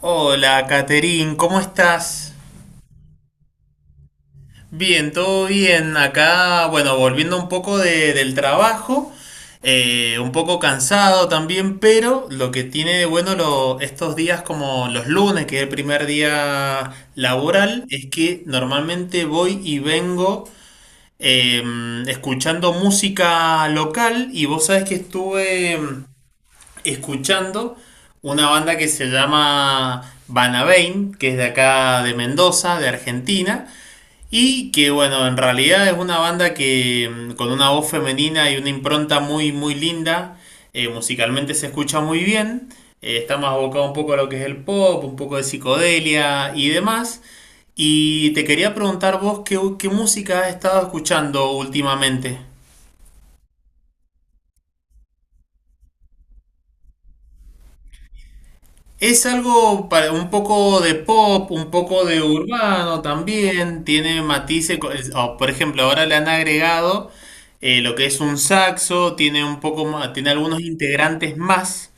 Hola, Caterín, ¿cómo estás? Bien, todo bien. Acá, bueno, volviendo un poco del trabajo, un poco cansado también, pero lo que tiene de bueno estos días como los lunes, que es el primer día laboral, es que normalmente voy y vengo eh, escuchando música local y vos sabés que estuve escuchando una banda que se llama Banabain, que es de acá de Mendoza, de Argentina, y que bueno, en realidad es una banda con una voz femenina y una impronta muy muy linda, musicalmente se escucha muy bien, está más abocado un poco a lo que es el pop, un poco de psicodelia y demás. Y te quería preguntar vos qué música has estado escuchando últimamente. Es algo para un poco de pop, un poco de urbano también, tiene matices, o, por ejemplo, ahora le han agregado lo que es un saxo, tiene un poco más, tiene algunos integrantes más,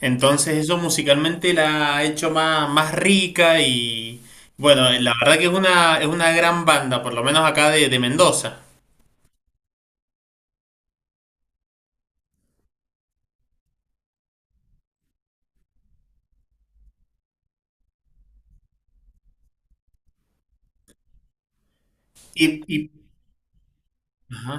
entonces eso musicalmente la ha hecho más rica y bueno, la verdad que es es una gran banda, por lo menos acá de Mendoza. Y, y- ajá,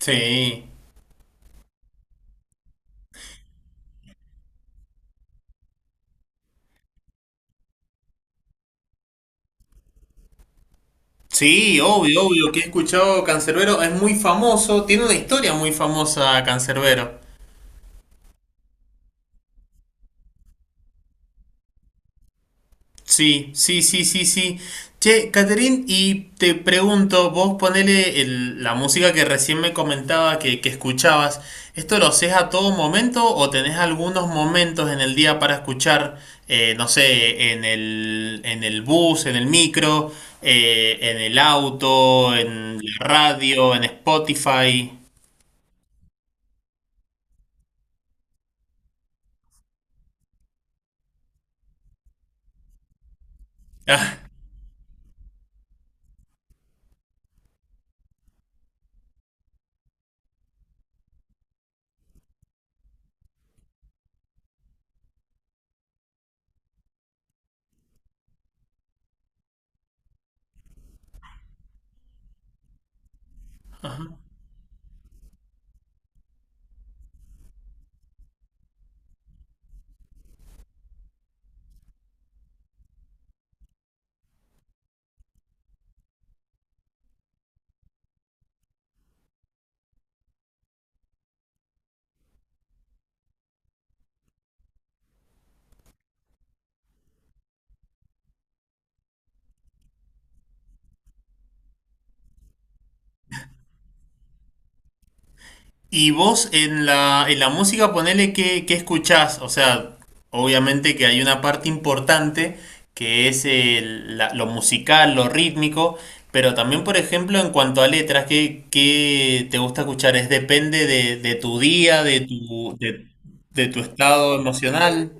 sí. Sí, obvio, obvio que he escuchado Cancerbero, es muy famoso, tiene una historia muy famosa Cancerbero. Sí, sí, sí, sí, sí. Che, Caterín, y te pregunto, vos ponele la música que recién me comentaba que escuchabas, ¿esto lo haces a todo momento o tenés algunos momentos en el día para escuchar, no sé, en el bus, en el micro, en el auto, en la radio, en Spotify? Ah, ajá. Y vos en en la música, ponele que escuchás. O sea, obviamente que hay una parte importante que es lo musical, lo rítmico, pero también, por ejemplo, en cuanto a letras, qué te gusta escuchar? Es depende de tu día, de de tu estado emocional.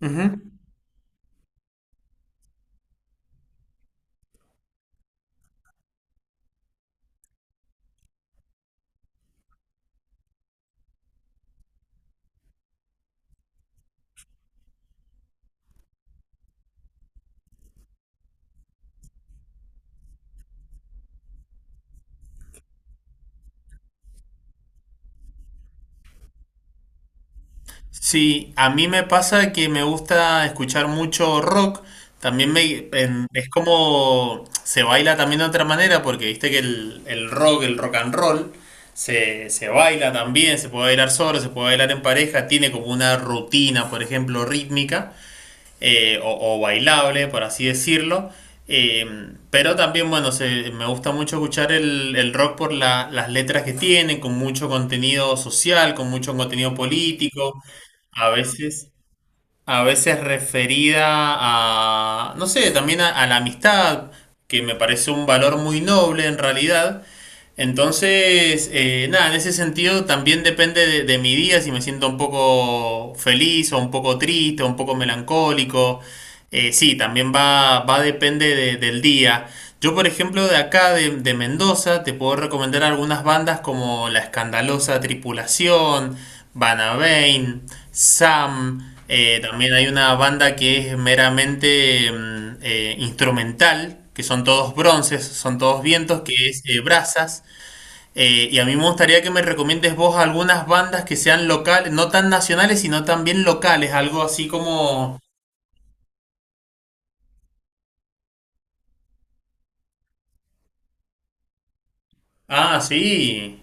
Ujú. Sí, a mí me pasa que me gusta escuchar mucho rock. También es como se baila también de otra manera, porque viste que el rock and roll, se baila también, se puede bailar solo, se puede bailar en pareja, tiene como una rutina, por ejemplo, rítmica bailable, por así decirlo. Eh, pero también, bueno, me gusta mucho escuchar el rock por las letras que tienen, con mucho contenido social, con mucho contenido político, a veces, a veces referida a, no sé, también a la amistad, que me parece un valor muy noble en realidad, entonces, nada, en ese sentido también depende de mi día, si me siento un poco feliz o un poco triste o un poco melancólico. Sí, también va depende del día. Yo, por ejemplo, de acá, de Mendoza, te puedo recomendar algunas bandas como La Escandalosa Tripulación, Banabain, Sam. También hay una banda que es meramente instrumental, que son todos bronces, son todos vientos, que es Brazas. Y a mí me gustaría que me recomiendes vos algunas bandas que sean locales, no tan nacionales, sino también locales, algo así como... Ah, sí.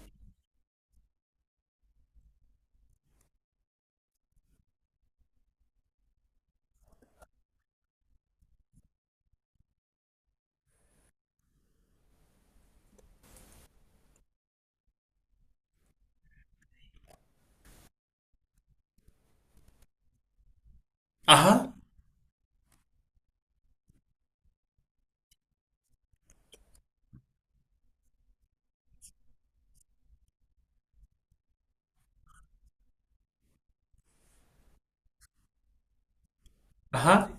Ajá, ajá,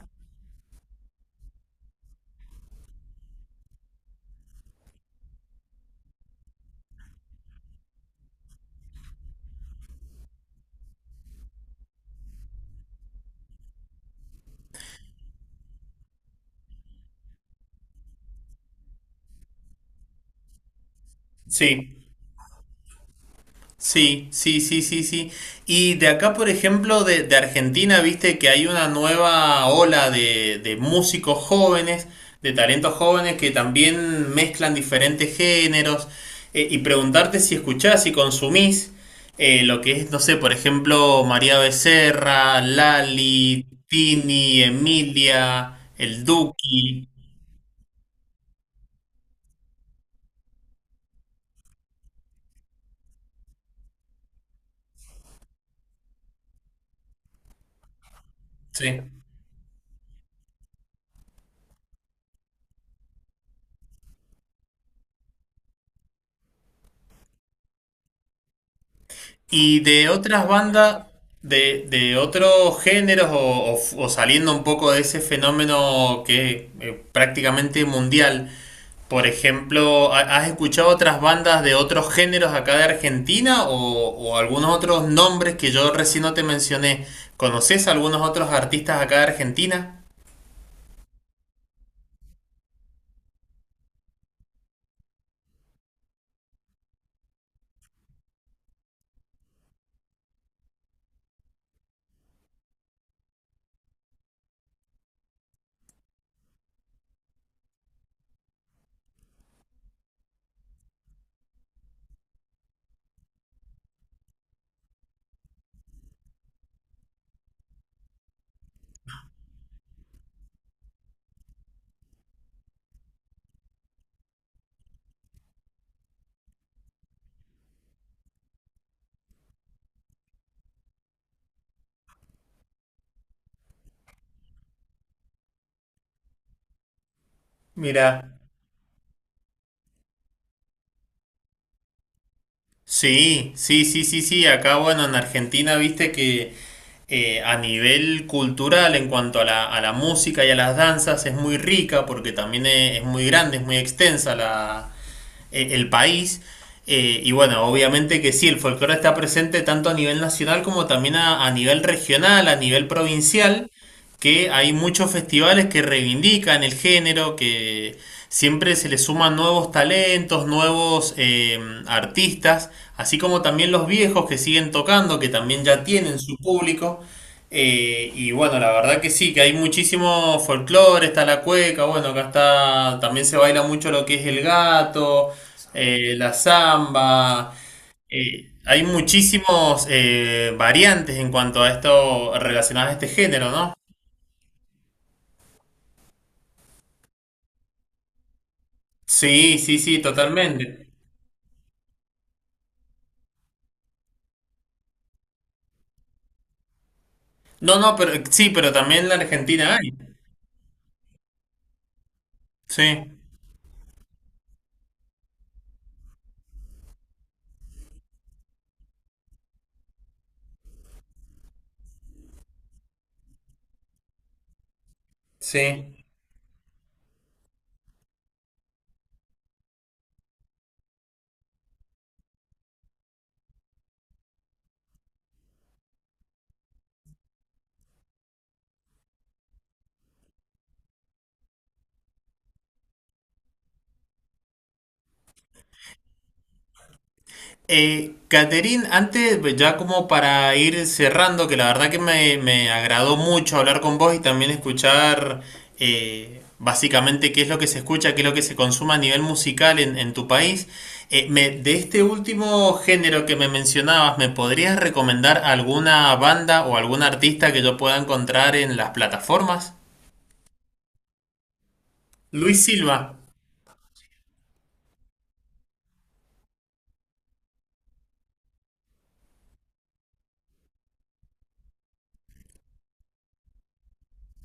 sí. Sí, sí, sí, sí, sí. Y de acá, por ejemplo, de Argentina, viste que hay una nueva ola de músicos jóvenes, de talentos jóvenes que también mezclan diferentes géneros. Y preguntarte si escuchás y consumís lo que es, no sé, por ejemplo, María Becerra, Lali, Tini, Emilia, El Duki. Sí. Y de otras bandas, de otros géneros o, o saliendo un poco de ese fenómeno que es prácticamente mundial, por ejemplo, ¿has escuchado otras bandas de otros géneros acá de Argentina o algunos otros nombres que yo recién no te mencioné? ¿Conoces algunos otros artistas acá de Argentina? Mira, sí, sí, sí, sí, sí, acá bueno, en Argentina, viste que... a nivel cultural en cuanto a a la música y a las danzas es muy rica porque también es muy grande, es muy extensa el país. Y bueno, obviamente que sí, el folclore está presente tanto a nivel nacional como también a nivel regional, a nivel provincial, que hay muchos festivales que reivindican el género, que siempre se le suman nuevos talentos, nuevos artistas, así como también los viejos que siguen tocando, que también ya tienen su público. Y bueno, la verdad que sí, que hay muchísimo folclore, está la cueca, bueno, acá está, también se baila mucho lo que es el gato, la samba. Hay muchísimos variantes en cuanto a esto relacionadas a este género, ¿no? Sí, sí, sí, totalmente. No, no, pero sí, pero también en la Argentina hay. Sí, sí. Caterín, antes, pues, ya como para ir cerrando, que la verdad que me agradó mucho hablar con vos y también escuchar básicamente qué es lo que se escucha, qué es lo que se consume a nivel musical en tu país. De este último género que me mencionabas, ¿me podrías recomendar alguna banda o algún artista que yo pueda encontrar en las plataformas? Luis Silva.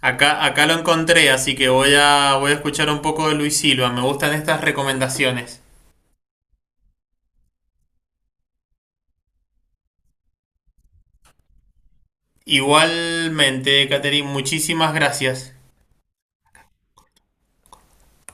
Acá, acá lo encontré, así que voy a, voy a escuchar un poco de Luis Silva. Me gustan estas recomendaciones. Igualmente, Catherine, muchísimas gracias.